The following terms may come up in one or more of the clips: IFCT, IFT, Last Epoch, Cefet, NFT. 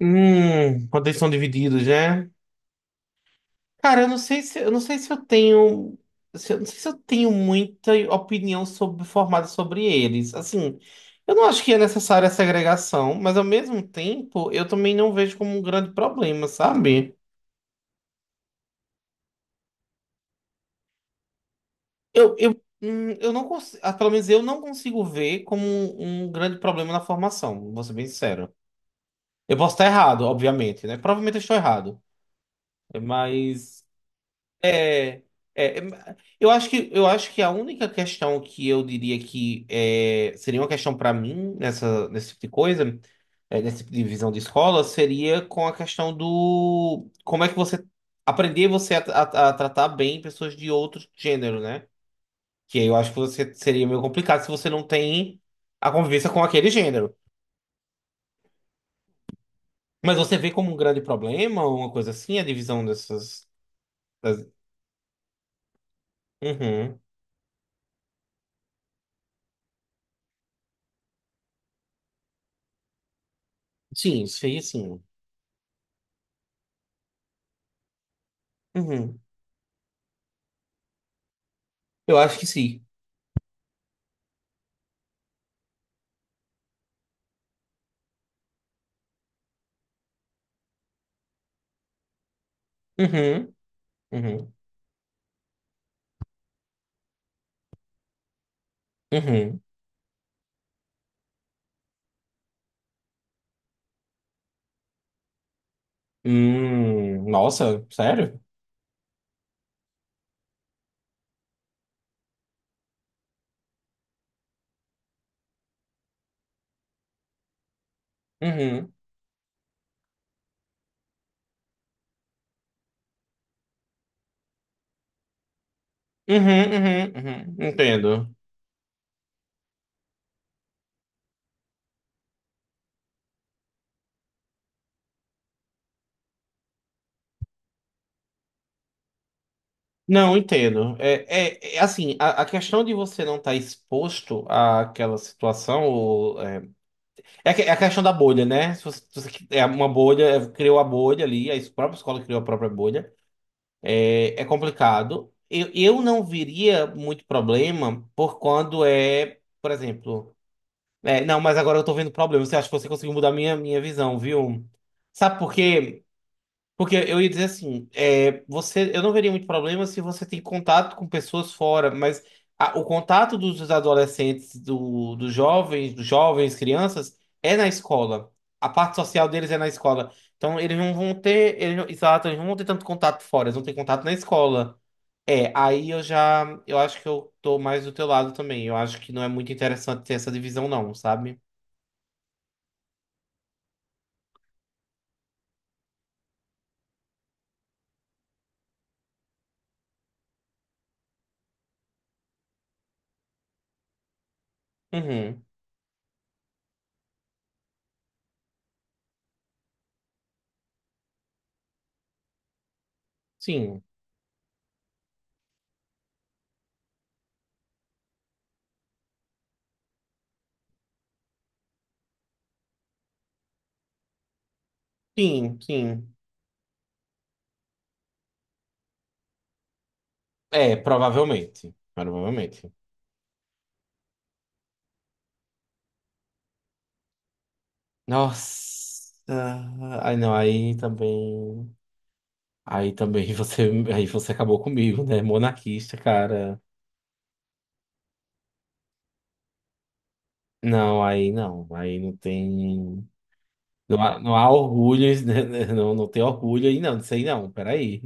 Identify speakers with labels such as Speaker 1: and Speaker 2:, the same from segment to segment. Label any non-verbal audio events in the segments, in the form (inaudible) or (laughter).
Speaker 1: Quando eles são divididos, né? Cara, eu não sei se eu tenho muita opinião sobre formada sobre eles. Assim, eu não acho que é necessária a segregação, mas ao mesmo tempo eu também não vejo como um grande problema, sabe? Eu, eu, eu não consigo, pelo menos eu não consigo ver como um grande problema na formação, vou ser bem sincero. Eu posso estar errado, obviamente, né? Provavelmente eu estou errado, mas É, é, eu acho que a única questão que eu diria seria uma questão para mim nessa nesse tipo de coisa, nesse tipo de visão de escola, seria com a questão do como é que você aprender você a tratar bem pessoas de outro gênero, né? Que aí eu acho que você seria meio complicado se você não tem a convivência com aquele gênero. Mas você vê como um grande problema, uma coisa assim, a divisão dessas das- Uhum. Sim, isso aí sim. Uhum. Eu acho que sim. Uhum, uhum, uhum. Nossa, sério? Uhum, uhum, uhum, uhum. Entendo. Não, entendo. É assim, a questão de você não estar exposto àquela situação, ou, é a questão da bolha, né? Se você, se você qui- é uma bolha, é, criou a bolha ali, a própria escola criou a própria bolha. É complicado. Eu não veria muito problema por exemplo. É, não, mas agora eu tô vendo problemas. Você acha que você conseguiu mudar minha visão, viu? Sabe por quê? Porque eu ia dizer assim, eu não veria muito problema se você tem contato com pessoas fora, mas o contato dos adolescentes, dos jovens, crianças, é na escola. A parte social deles é na escola. Então eles não vão ter, eles não- exato, eles não vão ter tanto contato fora, eles vão ter contato na escola. É, aí eu já, eu acho que eu tô mais do teu lado também. Eu acho que não é muito interessante ter essa divisão, não, sabe? Uhum. Sim, sim, sim. É, provavelmente. Provavelmente. Nossa. Ai, não, aí também. Aí também (laughs) aí você acabou comigo, né? Monarquista, cara. Não, aí não. Aí não tem. Não há, não há orgulho, né? (laughs) Não, não tem orgulho aí, não. Disso aí não, peraí.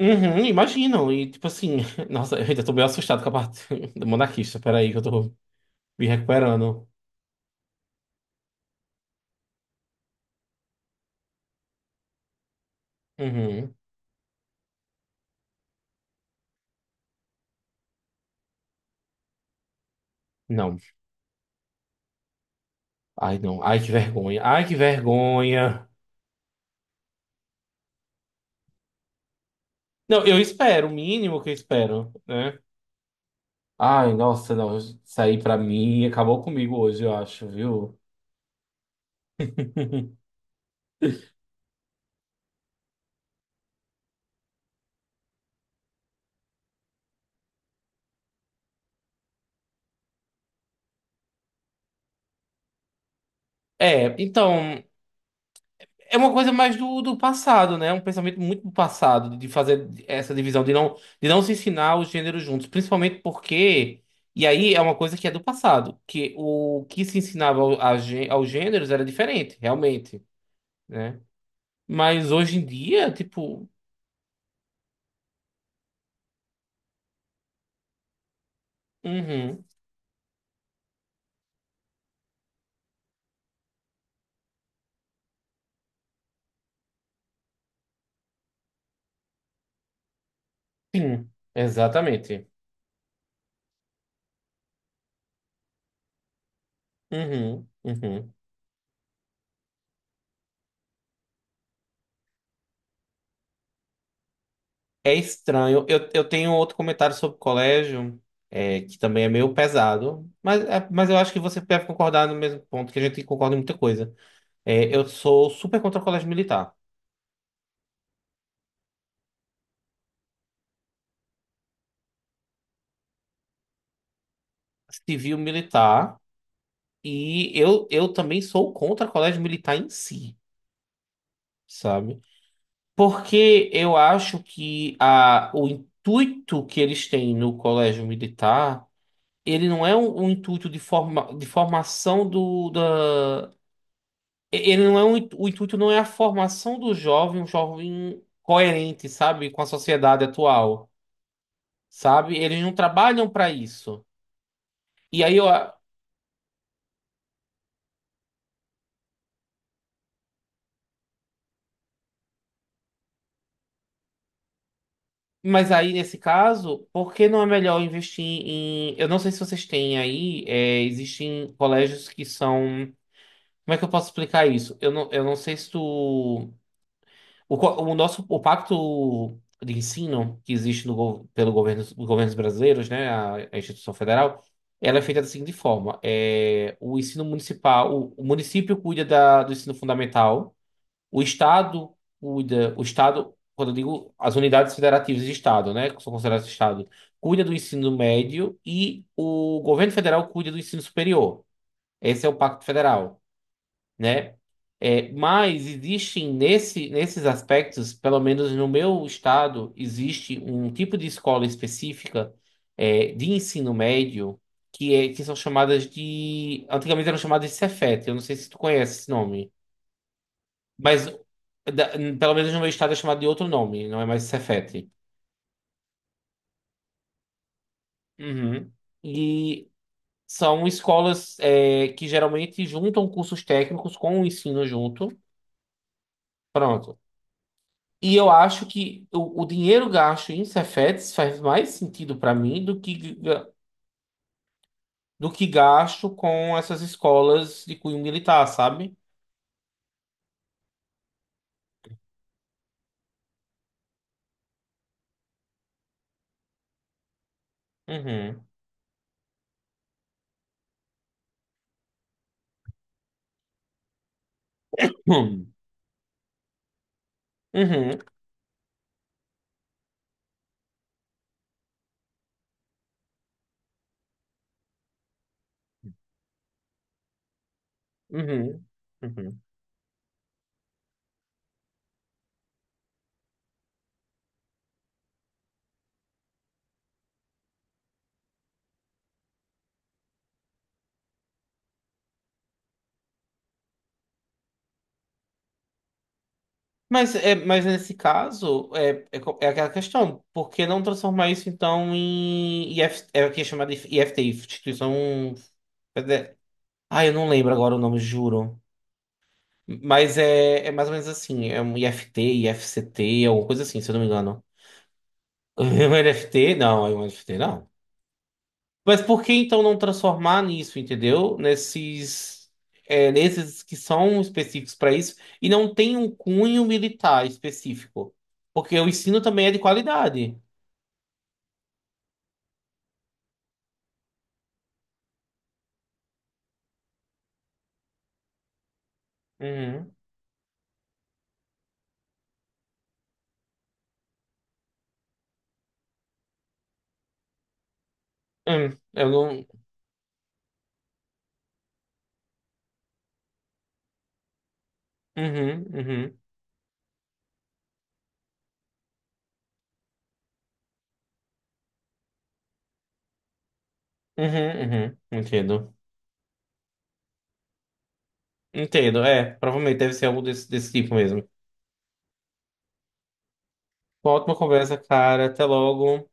Speaker 1: Uhum, imagino. E tipo assim, (laughs) nossa, eu ainda tô meio assustado com a parte (laughs) do monarquista. Peraí, que eu tô me recuperando. Uhum. Não. Ai, não. Ai, que vergonha. Ai, que vergonha. Não, eu espero, o mínimo que eu espero, né? Ai, nossa, não. Sair pra mim acabou comigo hoje, eu acho, viu? É, então, é uma coisa mais do passado, né? Um pensamento muito do passado, de fazer essa divisão, de não se ensinar os gêneros juntos. Principalmente porque. E aí é uma coisa que é do passado, que o que se ensinava aos gêneros era diferente, realmente, né? Mas hoje em dia, tipo. Uhum. Sim, exatamente. Uhum, uhum. É estranho. Eu tenho outro comentário sobre o colégio, que também é meio pesado, mas eu acho que você deve concordar no mesmo ponto, que a gente concorda em muita coisa. É, eu sou super contra o colégio militar, civil militar, e eu também sou contra o colégio militar em si, sabe? Porque eu acho que o intuito que eles têm no colégio militar. Ele não é um intuito de formação ele não é um, o intuito não é a formação do jovem, um jovem coerente, sabe, com a sociedade atual, sabe? Eles não trabalham para isso. E aí eu, a- mas aí nesse caso, por que não é melhor investir em eu não sei se vocês têm aí, existem colégios que são. Como é que eu posso explicar isso? Eu não sei se tu. O, co- o nosso o pacto de ensino que existe no, gov- pelo governo, os governos brasileiros, né, a instituição federal, ela é feita da seguinte forma: o ensino municipal, o município cuida do ensino fundamental, o estado cuida, o estado, quando eu digo as unidades federativas de estado, né, que são consideradas estado, cuida do ensino médio e o governo federal cuida do ensino superior. Esse é o pacto federal, né? Mas existem nesses aspectos, pelo menos no meu estado, existe um tipo de escola específica, de ensino médio que são chamadas de. Antigamente eram chamadas de Cefet, eu não sei se tu conhece esse nome, mas da- pelo menos no meu estado é chamado de outro nome, não é mais Cefet. Uhum. E são escolas, que geralmente juntam cursos técnicos com o ensino junto. Pronto. E eu acho que o dinheiro gasto em Cefetes faz mais sentido para mim do que gasto com essas escolas de cunho militar, sabe? Uhum. Hum. Uhum. Uhum. Uhum. Mas nesse caso, é aquela questão, por que não transformar isso então em IF, é o que é chamado de IFT, instituição Fede- Ah, eu não lembro agora o nome, juro. Mas é mais ou menos assim, é um IFT, IFCT, alguma coisa assim, se eu não me engano. (laughs) Um NFT? Não, é um NFT não. Mas por que então não transformar nisso, entendeu? Nesses que são específicos para isso e não tem um cunho militar específico. Porque o ensino também é de qualidade. Uhum. Eu não. Uhum, uhum, uhum, uhum. Entendo. Entendo, é. Provavelmente deve ser algo desse tipo mesmo. Uma ótima conversa, cara. Até logo.